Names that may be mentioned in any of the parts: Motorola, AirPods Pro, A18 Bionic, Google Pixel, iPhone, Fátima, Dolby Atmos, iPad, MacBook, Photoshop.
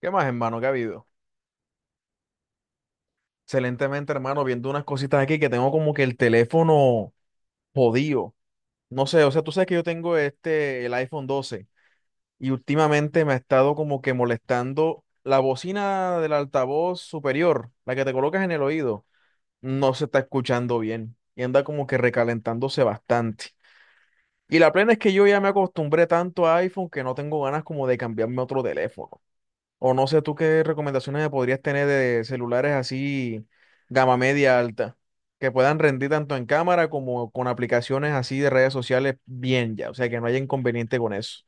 ¿Qué más, hermano? ¿Qué ha habido? Excelentemente, hermano, viendo unas cositas aquí que tengo como que el teléfono jodido. No sé, o sea, tú sabes que yo tengo este, el iPhone 12 y últimamente me ha estado como que molestando la bocina del altavoz superior, la que te colocas en el oído, no se está escuchando bien y anda como que recalentándose bastante. Y la plena es que yo ya me acostumbré tanto a iPhone que no tengo ganas como de cambiarme a otro teléfono. O no sé tú qué recomendaciones me podrías tener de celulares así gama media alta, que puedan rendir tanto en cámara como con aplicaciones así de redes sociales bien ya, o sea, que no haya inconveniente con eso.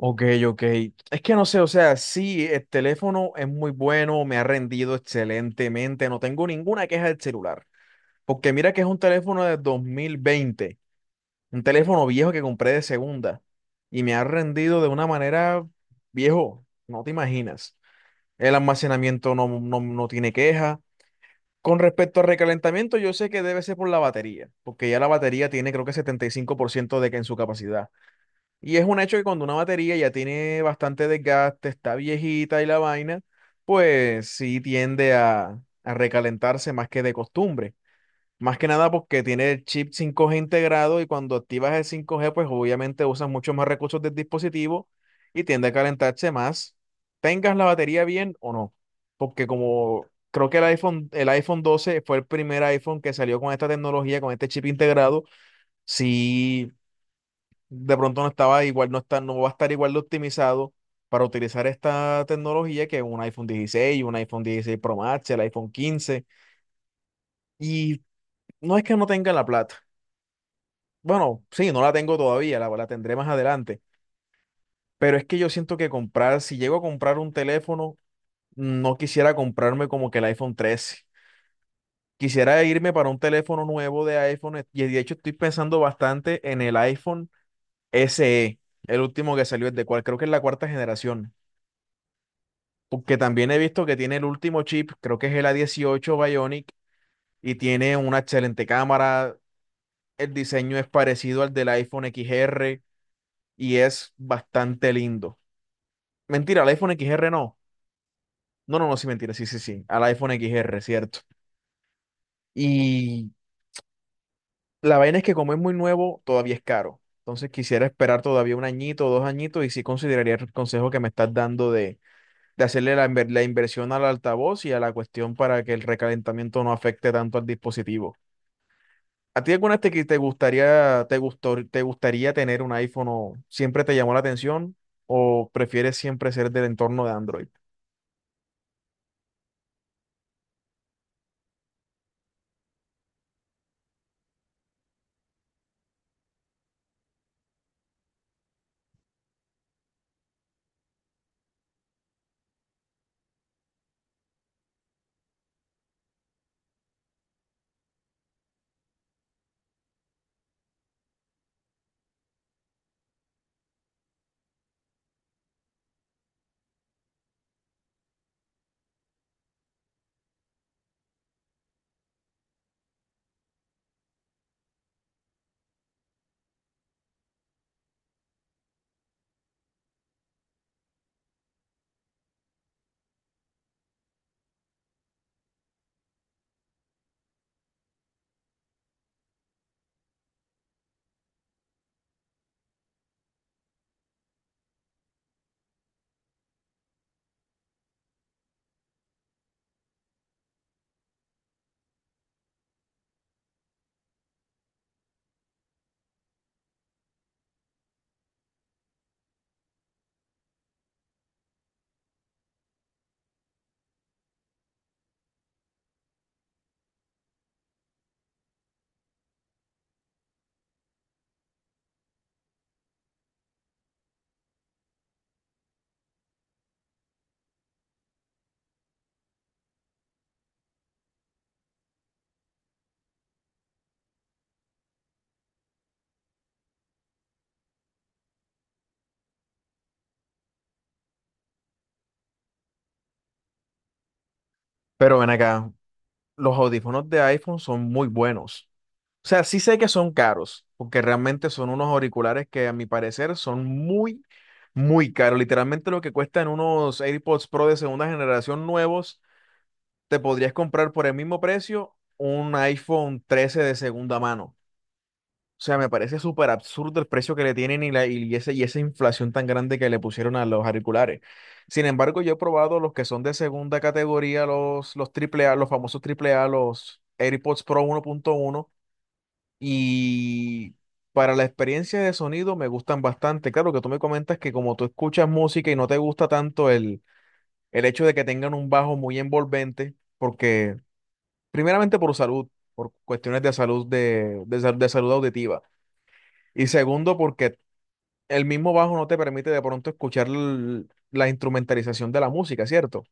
Ok, ok. Es que no sé, o sea, sí, el teléfono es muy bueno, me ha rendido excelentemente, no tengo ninguna queja del celular, porque mira que es un teléfono de 2020. Un teléfono viejo que compré de segunda y me ha rendido de una manera viejo, no te imaginas. El almacenamiento no tiene queja. Con respecto al recalentamiento, yo sé que debe ser por la batería, porque ya la batería tiene creo que 75% de que en su capacidad. Y es un hecho que cuando una batería ya tiene bastante desgaste, está viejita y la vaina, pues sí tiende a recalentarse más que de costumbre. Más que nada porque tiene el chip 5G integrado y cuando activas el 5G pues obviamente usas muchos más recursos del dispositivo y tiende a calentarse más, tengas la batería bien o no. Porque como creo que el iPhone 12 fue el primer iPhone que salió con esta tecnología, con este chip integrado, si de pronto no estaba igual, no está, no va a estar igual de optimizado para utilizar esta tecnología que un iPhone 16, un iPhone dieciséis Pro Max, el iPhone 15. Y no es que no tenga la plata. Bueno, sí, no la tengo todavía, la tendré más adelante. Pero es que yo siento que comprar, si llego a comprar un teléfono, no quisiera comprarme como que el iPhone 13. Quisiera irme para un teléfono nuevo de iPhone, y de hecho estoy pensando bastante en el iPhone SE, el último que salió, el de cual creo que es la cuarta generación. Porque también he visto que tiene el último chip, creo que es el A18 Bionic y tiene una excelente cámara. El diseño es parecido al del iPhone X R y es bastante lindo. Mentira, al iPhone XR no. No, no, no, sí, mentira, sí, sí, sí. Al iPhone XR, cierto. Y la vaina es que como es muy nuevo, todavía es caro. Entonces quisiera esperar todavía un añito o dos añitos y sí consideraría el consejo que me estás dando de hacerle la inversión al altavoz y a la cuestión para que el recalentamiento no afecte tanto al dispositivo. ¿A ti alguna vez te, que te gustaría, te gustó, te gustaría tener un iPhone o siempre te llamó la atención o prefieres siempre ser del entorno de Android? Pero ven acá, los audífonos de iPhone son muy buenos. O sea, sí sé que son caros, porque realmente son unos auriculares que a mi parecer son muy, muy caros. Literalmente lo que cuestan unos AirPods Pro de segunda generación nuevos, te podrías comprar por el mismo precio un iPhone 13 de segunda mano. O sea, me parece súper absurdo el precio que le tienen y esa inflación tan grande que le pusieron a los auriculares. Sin embargo, yo he probado los que son de segunda categoría, los triple A, los famosos triple A, los AirPods Pro 1.1 y para la experiencia de sonido me gustan bastante. Claro que tú me comentas que como tú escuchas música y no te gusta tanto el hecho de que tengan un bajo muy envolvente, porque primeramente por salud, por cuestiones de salud, de salud auditiva. Y segundo, porque el mismo bajo no te permite de pronto escuchar la instrumentalización de la música, ¿cierto?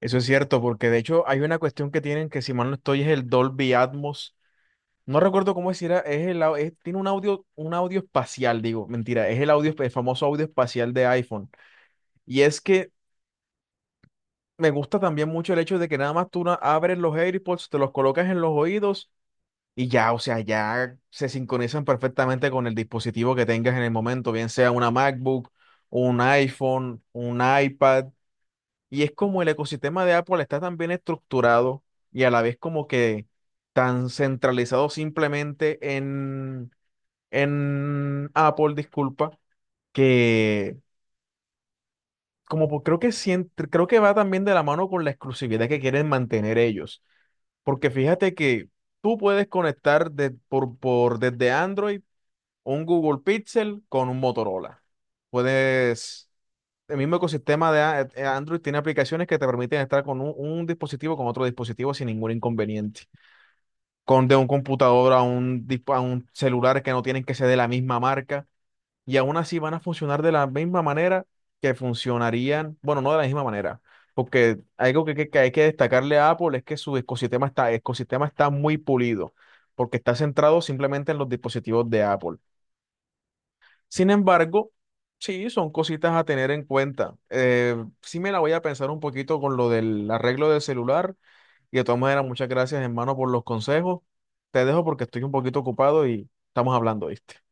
Eso es cierto, porque de hecho hay una cuestión que tienen que, si mal no estoy, es el Dolby Atmos. No recuerdo cómo es, si era, es el, tiene un audio, espacial, digo, mentira, es el audio, el famoso audio espacial de iPhone. Y es que me gusta también mucho el hecho de que nada más tú abres los AirPods, te los colocas en los oídos. Y ya, o sea, ya se sincronizan perfectamente con el dispositivo que tengas en el momento, bien sea una MacBook, un iPhone, un iPad. Y es como el ecosistema de Apple está tan bien estructurado y a la vez como que tan centralizado simplemente en Apple, disculpa, que como po- creo que sien- creo que va también de la mano con la exclusividad que quieren mantener ellos. Porque fíjate que tú puedes conectar desde Android. Un Google Pixel con un Motorola. Puedes, el mismo ecosistema de Android tiene aplicaciones que te permiten estar con un dispositivo con otro dispositivo sin ningún inconveniente. Con de un computador a un celular que no tienen que ser de la misma marca y aún así van a funcionar de la misma manera que funcionarían, bueno, no de la misma manera. Porque algo que hay que destacarle a Apple es que su ecosistema está muy pulido, porque está centrado simplemente en los dispositivos de Apple. Sin embargo, sí, son cositas a tener en cuenta. Sí me la voy a pensar un poquito con lo del arreglo del celular. Y de todas maneras, muchas gracias, hermano, por los consejos. Te dejo porque estoy un poquito ocupado y estamos hablando, ¿viste?